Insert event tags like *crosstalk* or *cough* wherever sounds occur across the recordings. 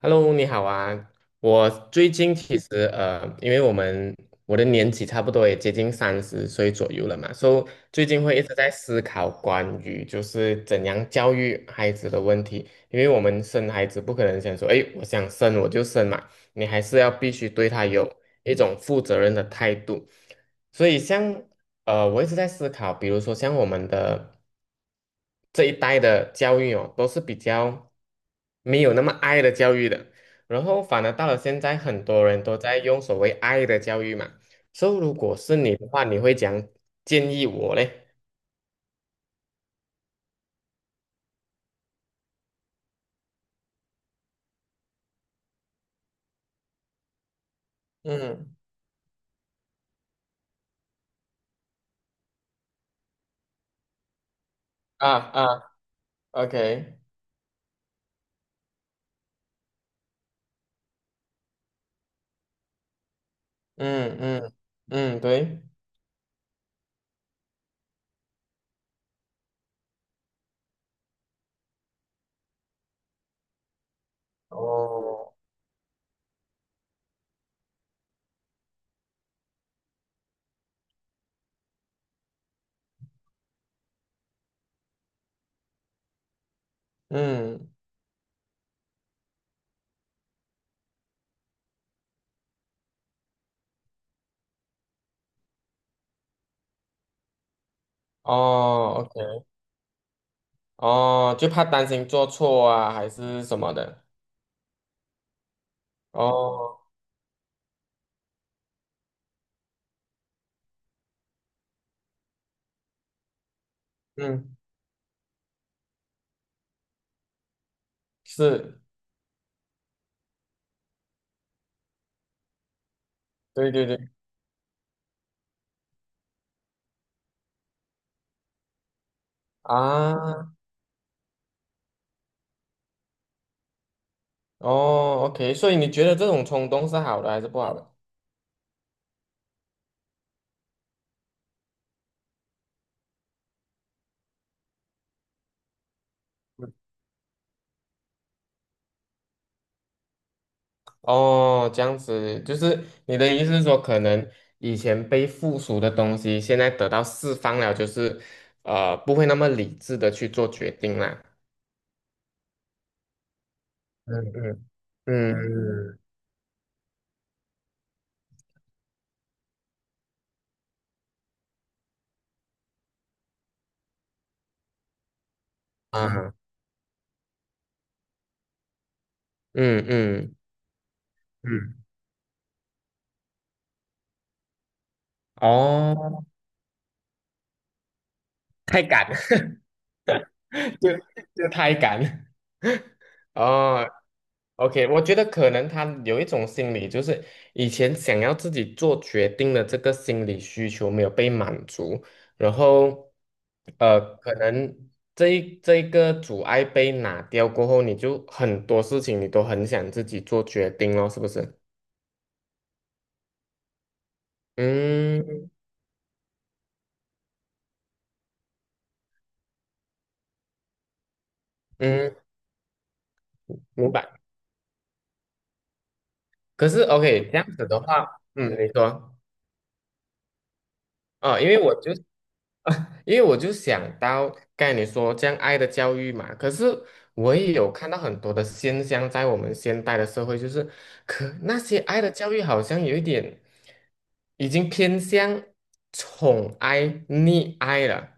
Hello，你好啊！我最近其实因为我的年纪差不多也接近30岁左右了嘛，所以最近会一直在思考关于就是怎样教育孩子的问题。因为我们生孩子不可能想说，哎，我想生我就生嘛，你还是要必须对他有一种负责任的态度。所以我一直在思考，比如说像我们的。这一代的教育哦，都是比较没有那么爱的教育的，然后反而到了现在，很多人都在用所谓爱的教育嘛。所以如果是你的话，你会建议我嘞？嗯。啊啊，OK。嗯嗯嗯，对。哦。嗯。哦，OK。哦，就怕担心做错啊，还是什么的。哦。嗯。是。对对对。啊。哦，OK，所以你觉得这种冲动是好的还是不好的？哦，这样子，就是你的意思是说，可能以前被附属的东西，现在得到释放了，就是不会那么理智的去做决定啦。嗯嗯嗯嗯。啊。嗯嗯嗯。哦，太赶。就就太赶 *laughs* 哦。OK，我觉得可能他有一种心理，就是以前想要自己做决定的这个心理需求没有被满足，然后，可能这一个阻碍被拿掉过后，你就很多事情你都很想自己做决定咯，是不是？嗯嗯，明白。可是 OK，这样子的话，嗯，你说。啊，因为*laughs* 因为我就想到刚才你说这样爱的教育嘛，可是我也有看到很多的现象，在我们现代的社会，就是可那些爱的教育好像有一点已经偏向宠爱、溺爱了，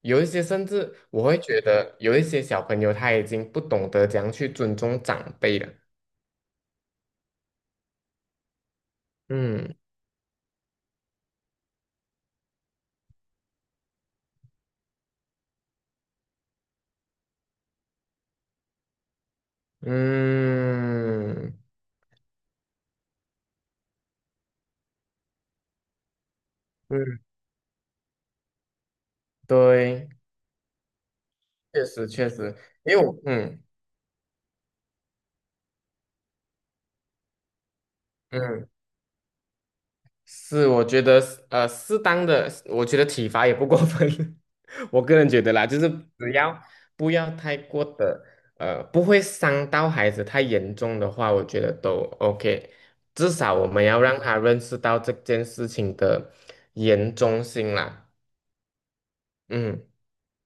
有一些甚至我会觉得有一些小朋友他已经不懂得怎样去尊重长辈了。嗯嗯嗯，对，确实确实，因为我嗯。嗯。是，我觉得适当的，我觉得体罚也不过分。*laughs* 我个人觉得啦，就是只要不要太过的，不会伤到孩子太严重的话，我觉得都 OK。至少我们要让他认识到这件事情的严重性啦。嗯，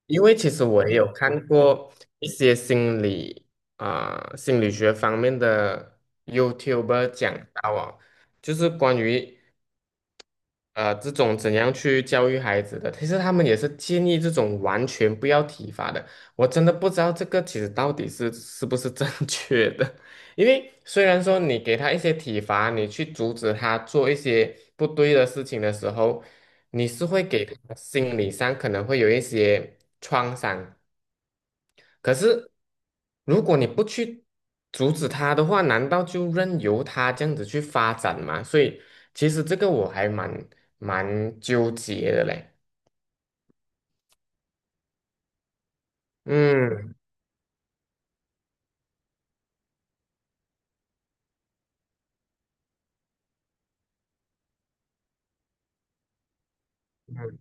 因为其实我也有看过一些心理啊、心理学方面的 YouTuber 讲到啊，就是关于。这种怎样去教育孩子的？其实他们也是建议这种完全不要体罚的。我真的不知道这个其实到底是不是正 *laughs* 确的，因为虽然说你给他一些体罚，你去阻止他做一些不对的事情的时候，你是会给他心理上可能会有一些创伤。可是如果你不去阻止他的话，难道就任由他这样子去发展吗？所以其实这个我还蛮纠结的嘞。嗯嗯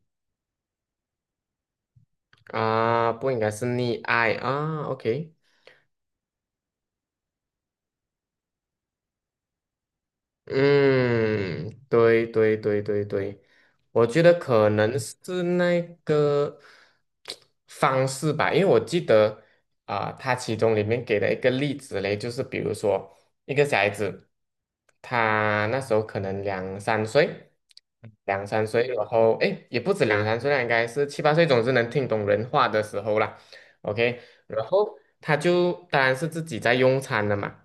啊，不应该是溺爱啊，OK。嗯，对对对对对，我觉得可能是那个方式吧，因为我记得啊、它其中里面给了一个例子嘞，就是比如说一个小孩子，他那时候可能两三岁，两三岁，然后诶，也不止两三岁啦，应该是七八岁，总之能听懂人话的时候啦。OK，然后他就当然是自己在用餐了嘛。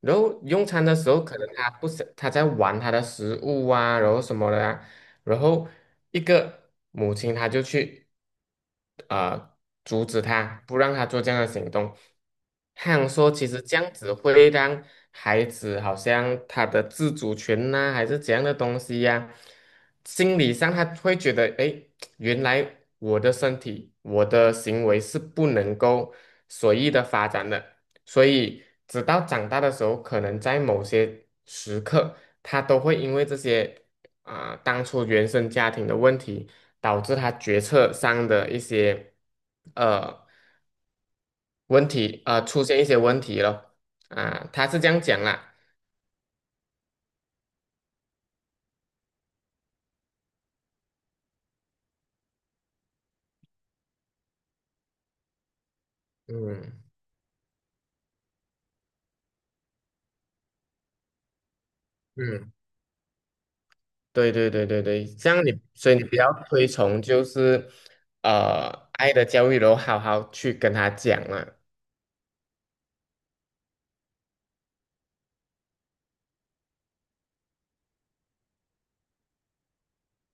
然后用餐的时候，可能他不是他在玩他的食物啊，然后什么的啊，然后一个母亲她就去。呃阻止他，不让他做这样的行动。他想说，其实这样子会让孩子好像他的自主权呐、还是怎样的东西呀、心理上他会觉得，诶，原来我的身体、我的行为是不能够随意的发展的，所以直到长大的时候，可能在某些时刻，他都会因为这些。啊、当初原生家庭的问题，导致他决策上的一些呃问题，出现一些问题了啊、他是这样讲啦，嗯嗯，对对对对对，这样你，所以你比较推崇就是爱的教育，然后好好去跟他讲嘛，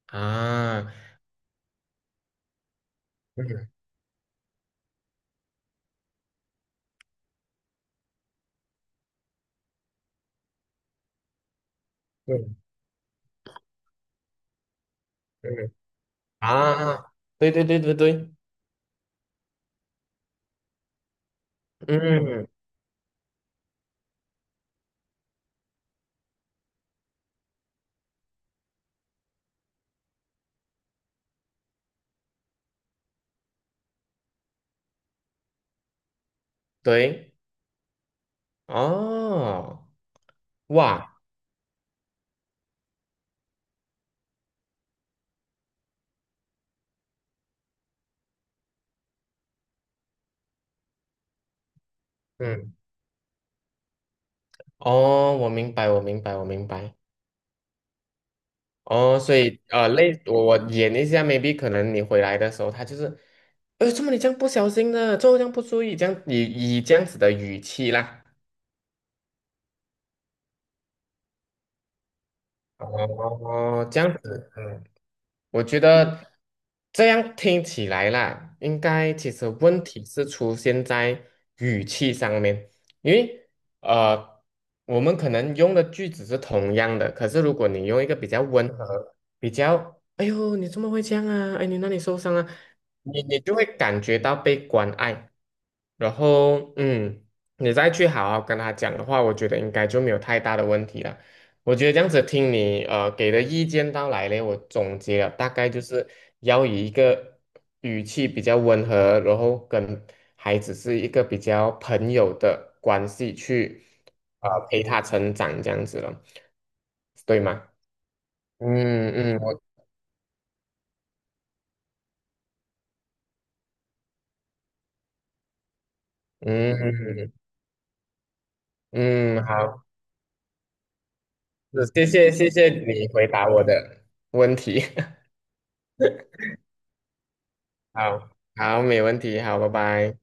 啊，嗯嗯嗯啊，对对对对对，嗯对，哦，哇。嗯。哦，我明白，我明白，我明白。哦，所以我演一下，maybe 可能你回来的时候，他就是，哎，怎么你这样不小心的，怎么这样不注意，这样以这样子的语气啦。哦，这样子，嗯。我觉得这样听起来啦，应该其实问题是出现在语气上面，因为呃，我们可能用的句子是同样的，可是如果你用一个比较温和、比较“哎呦，你怎么会这样啊？哎，你哪里受伤啊？”哎你就会感觉到被关爱，然后你再去好好跟他讲的话，我觉得应该就没有太大的问题了。我觉得这样子听你给的意见到来呢，我总结了大概就是要以一个语气比较温和，然后跟孩子是一个比较朋友的关系去陪他成长这样子了，对吗？嗯嗯，我嗯嗯好，是谢谢谢谢你回答我的问题，*laughs* 好好没问题，好，拜拜。